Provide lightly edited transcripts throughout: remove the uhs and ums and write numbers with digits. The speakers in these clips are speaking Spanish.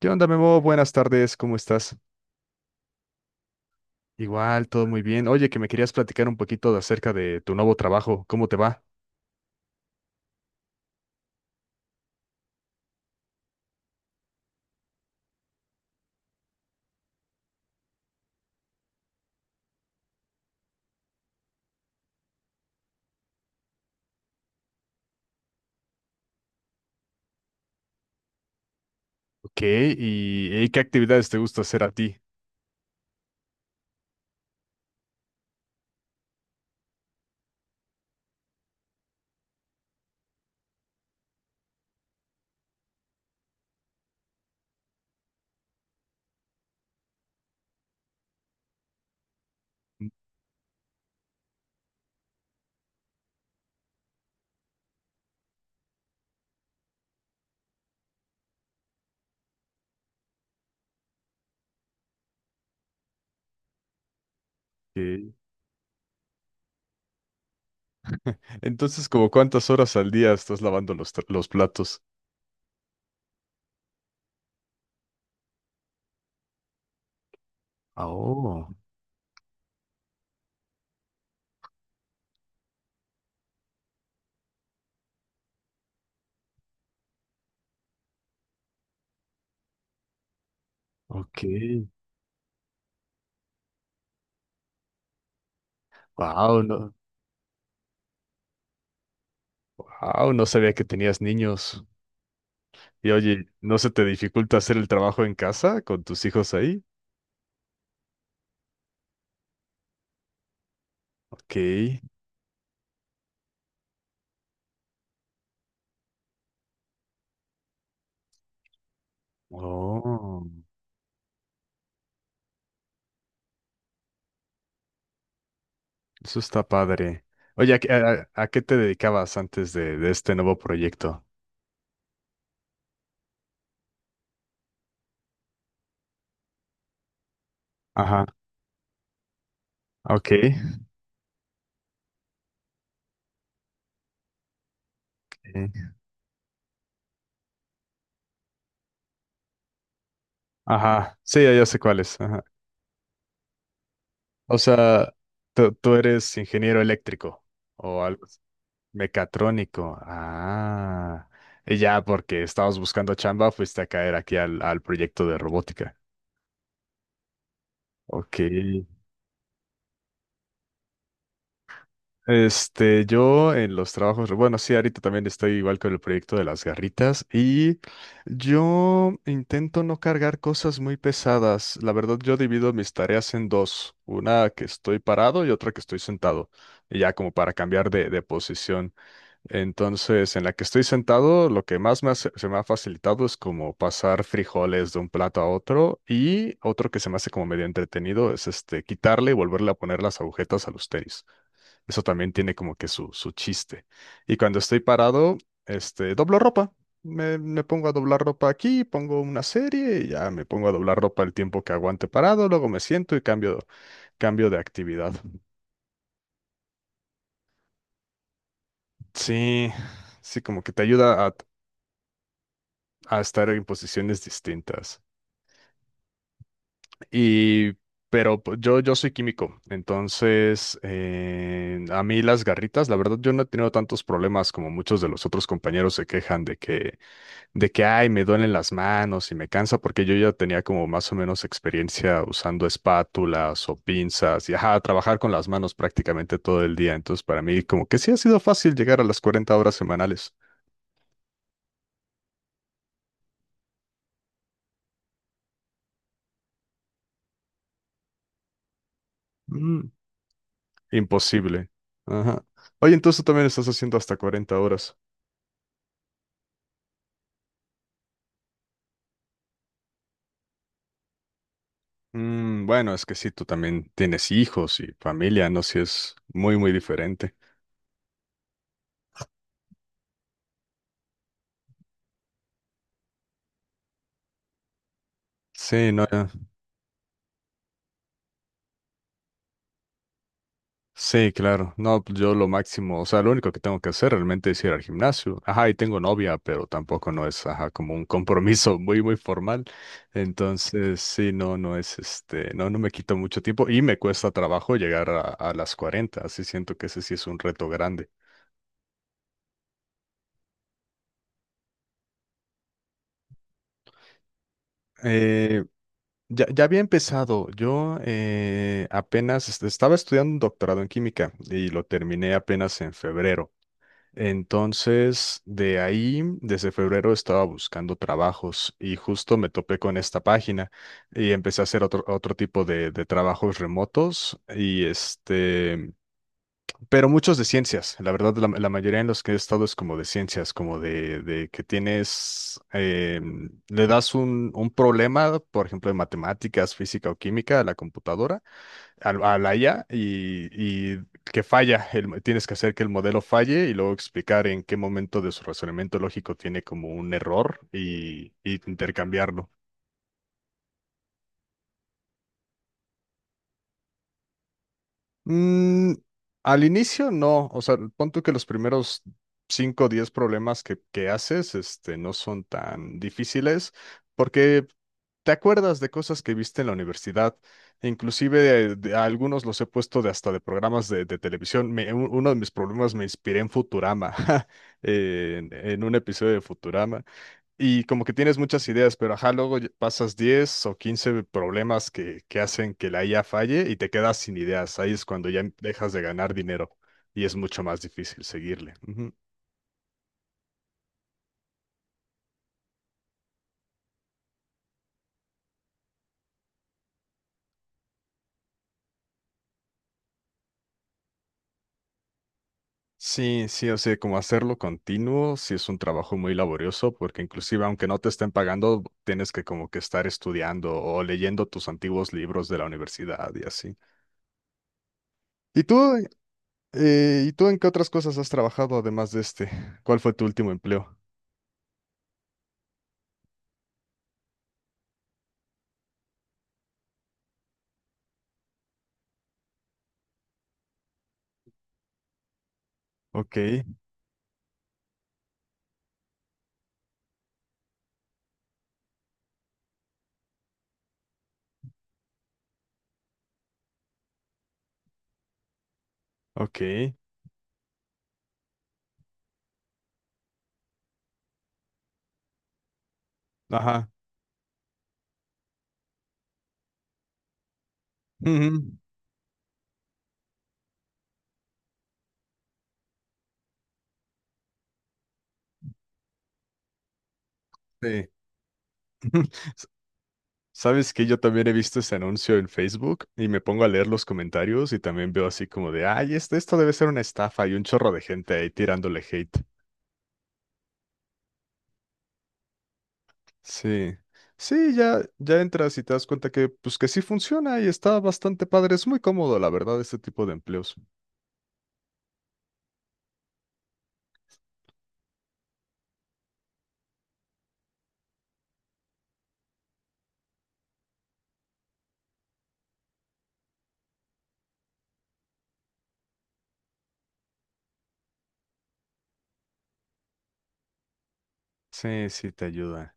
¿Qué onda, Memo? Buenas tardes, ¿cómo estás? Igual, todo muy bien. Oye, que me querías platicar un poquito de acerca de tu nuevo trabajo, ¿cómo te va? Ok, ¿y qué actividades te gusta hacer a ti? Ok. Entonces, ¿como cuántas horas al día estás lavando los platos? Oh, ok. Wow, no, wow, no sabía que tenías niños. Y oye, ¿no se te dificulta hacer el trabajo en casa con tus hijos ahí? Ok. Oh. Eso está padre. Oye, ¿ a qué te dedicabas antes de este nuevo proyecto? Ajá, ok. Ajá, sí, ya sé cuál es. Ajá. O sea, tú eres ingeniero eléctrico o algo así. Mecatrónico. Ah, y ya porque estabas buscando chamba, fuiste a caer aquí al proyecto de robótica. Ok. Este, yo en los trabajos, bueno, sí, ahorita también estoy igual con el proyecto de las garritas y yo intento no cargar cosas muy pesadas. La verdad, yo divido mis tareas en dos, una que estoy parado y otra que estoy sentado, y ya como para cambiar de posición. Entonces, en la que estoy sentado, lo que más se me ha facilitado es como pasar frijoles de un plato a otro, y otro que se me hace como medio entretenido es este quitarle y volverle a poner las agujetas a los tenis. Eso también tiene como que su chiste. Y cuando estoy parado, doblo ropa. Me pongo a doblar ropa aquí, pongo una serie y ya me pongo a doblar ropa el tiempo que aguante parado, luego me siento y cambio, cambio de actividad. Sí, sí, como que te ayuda a estar en posiciones distintas. Y, pero pues, yo soy químico, entonces a mí las garritas, la verdad, yo no he tenido tantos problemas como muchos de los otros compañeros se quejan de que, ay, me duelen las manos y me cansa, porque yo ya tenía como más o menos experiencia usando espátulas o pinzas y, ajá, trabajar con las manos prácticamente todo el día. Entonces, para mí, como que sí ha sido fácil llegar a las 40 horas semanales. Mm. Imposible. Ajá. Oye, entonces tú también estás haciendo hasta 40 horas. Mm, bueno, es que sí, tú también tienes hijos y familia, ¿no? Sí, es muy, muy diferente. Sí, no, sí, claro. No, pues yo lo máximo, o sea, lo único que tengo que hacer realmente es ir al gimnasio. Ajá, y tengo novia, pero tampoco no es, ajá, como un compromiso muy, muy formal. Entonces, sí, no, no me quito mucho tiempo y me cuesta trabajo llegar a las 40. Así siento que ese sí es un reto grande. Eh, Ya, ya había empezado. Yo estaba estudiando un doctorado en química y lo terminé apenas en febrero. Entonces, de ahí, desde febrero estaba buscando trabajos y justo me topé con esta página y empecé a hacer otro, otro tipo de trabajos remotos y este... Pero muchos de ciencias, la verdad, la mayoría en los que he estado es como de ciencias, como de que tienes, le das un problema, por ejemplo, de matemáticas, física o química a la computadora, la IA, y que falla, tienes que hacer que el modelo falle y luego explicar en qué momento de su razonamiento lógico tiene como un error y intercambiarlo. Mm, al inicio no, o sea, pon tú que los primeros 5 o 10 problemas que haces este, no son tan difíciles porque te acuerdas de cosas que viste en la universidad. E inclusive a algunos los he puesto de hasta de programas de televisión. Uno de mis problemas me inspiré en Futurama, en un episodio de Futurama. Y como que tienes muchas ideas, pero ajá, luego ya pasas 10 o 15 problemas que hacen que la IA falle y te quedas sin ideas. Ahí es cuando dejas de ganar dinero y es mucho más difícil seguirle. Ujú. Sí, sí, o sea, como hacerlo continuo, sí es un trabajo muy laborioso, porque inclusive aunque no te estén pagando, tienes que como que estar estudiando o leyendo tus antiguos libros de la universidad y así. ¿Y tú, y tú en qué otras cosas has trabajado además de este? ¿Cuál fue tu último empleo? Ok, ok. Ajá. Ujú. Sí. Sabes que yo también he visto ese anuncio en Facebook y me pongo a leer los comentarios y también veo así como de, ay, este, esto debe ser una estafa y un chorro de gente ahí tirándole hate. Sí, sí, ya, ya entras y te das cuenta que, pues que sí funciona y está bastante padre, es muy cómodo, la verdad, este tipo de empleos. Sí, sí, te ayuda.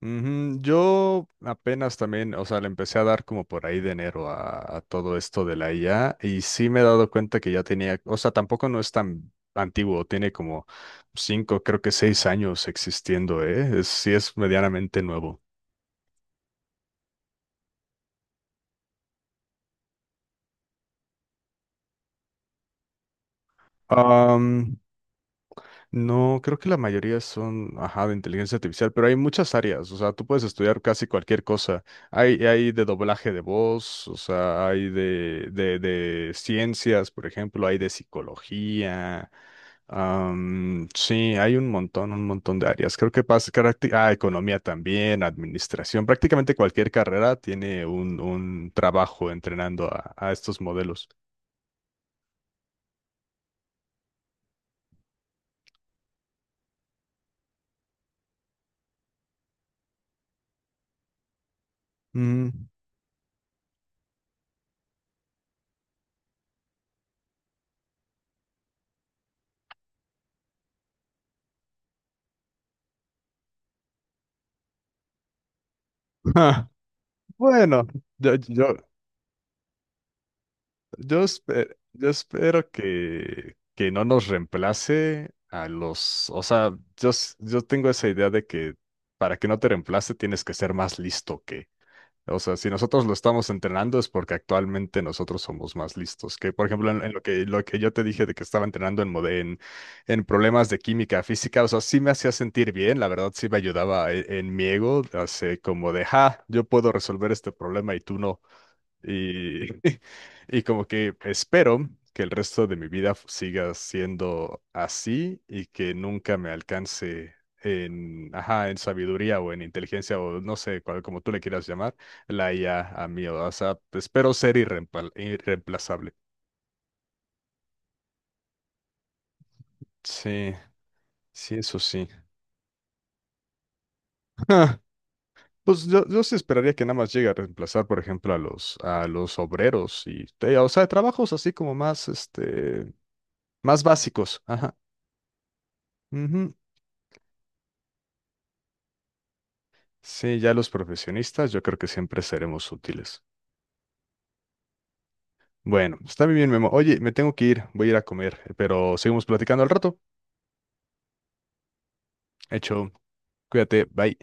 Ujú, yo apenas también, o sea, le empecé a dar como por ahí de enero a todo esto de la IA y sí me he dado cuenta que ya tenía, o sea, tampoco no es tan antiguo, tiene como cinco, creo que seis años existiendo, ¿eh? Es- sí es medianamente nuevo. No, creo que la mayoría son, ajá, de inteligencia artificial, pero hay muchas áreas, o sea, tú puedes estudiar casi cualquier cosa. Hay de doblaje de voz, o sea, hay de ciencias, por ejemplo, hay de psicología. Am, sí, hay un montón de áreas. Creo que pasa, caracti- ah, economía también, administración, prácticamente cualquier carrera tiene un trabajo entrenando a estos modelos. Mm, ah, bueno, yo, yo- Yo, yo espero que no nos reemplace a los, o sea, yo tengo esa idea de que para que no te reemplace tienes que ser más listo que, o sea, si nosotros lo estamos entrenando es porque actualmente nosotros somos más listos que, por ejemplo, en lo que yo te dije de que estaba entrenando en problemas de química física, o sea, sí me hacía sentir bien, la verdad sí me ayudaba en mi ego, así como de, ja, yo puedo resolver este problema y tú no. Y, y como que espero que el resto de mi vida siga siendo así y que nunca me alcance en, ajá, en sabiduría o en inteligencia o no sé, cual- como tú le quieras llamar, la IA a mí. O sea, espero ser irreemplazable. Sí, sí, eso sí. Ah, pues yo sí esperaría que nada más llegue a reemplazar, por ejemplo, a los obreros o sea, trabajos así como más, este, más básicos. Ajá. Sí, ya los profesionistas, yo creo que siempre seremos útiles. Bueno, está muy bien, Memo. Oye, me tengo que ir, voy a ir a comer, pero seguimos platicando al rato. Hecho, cuídate, bye.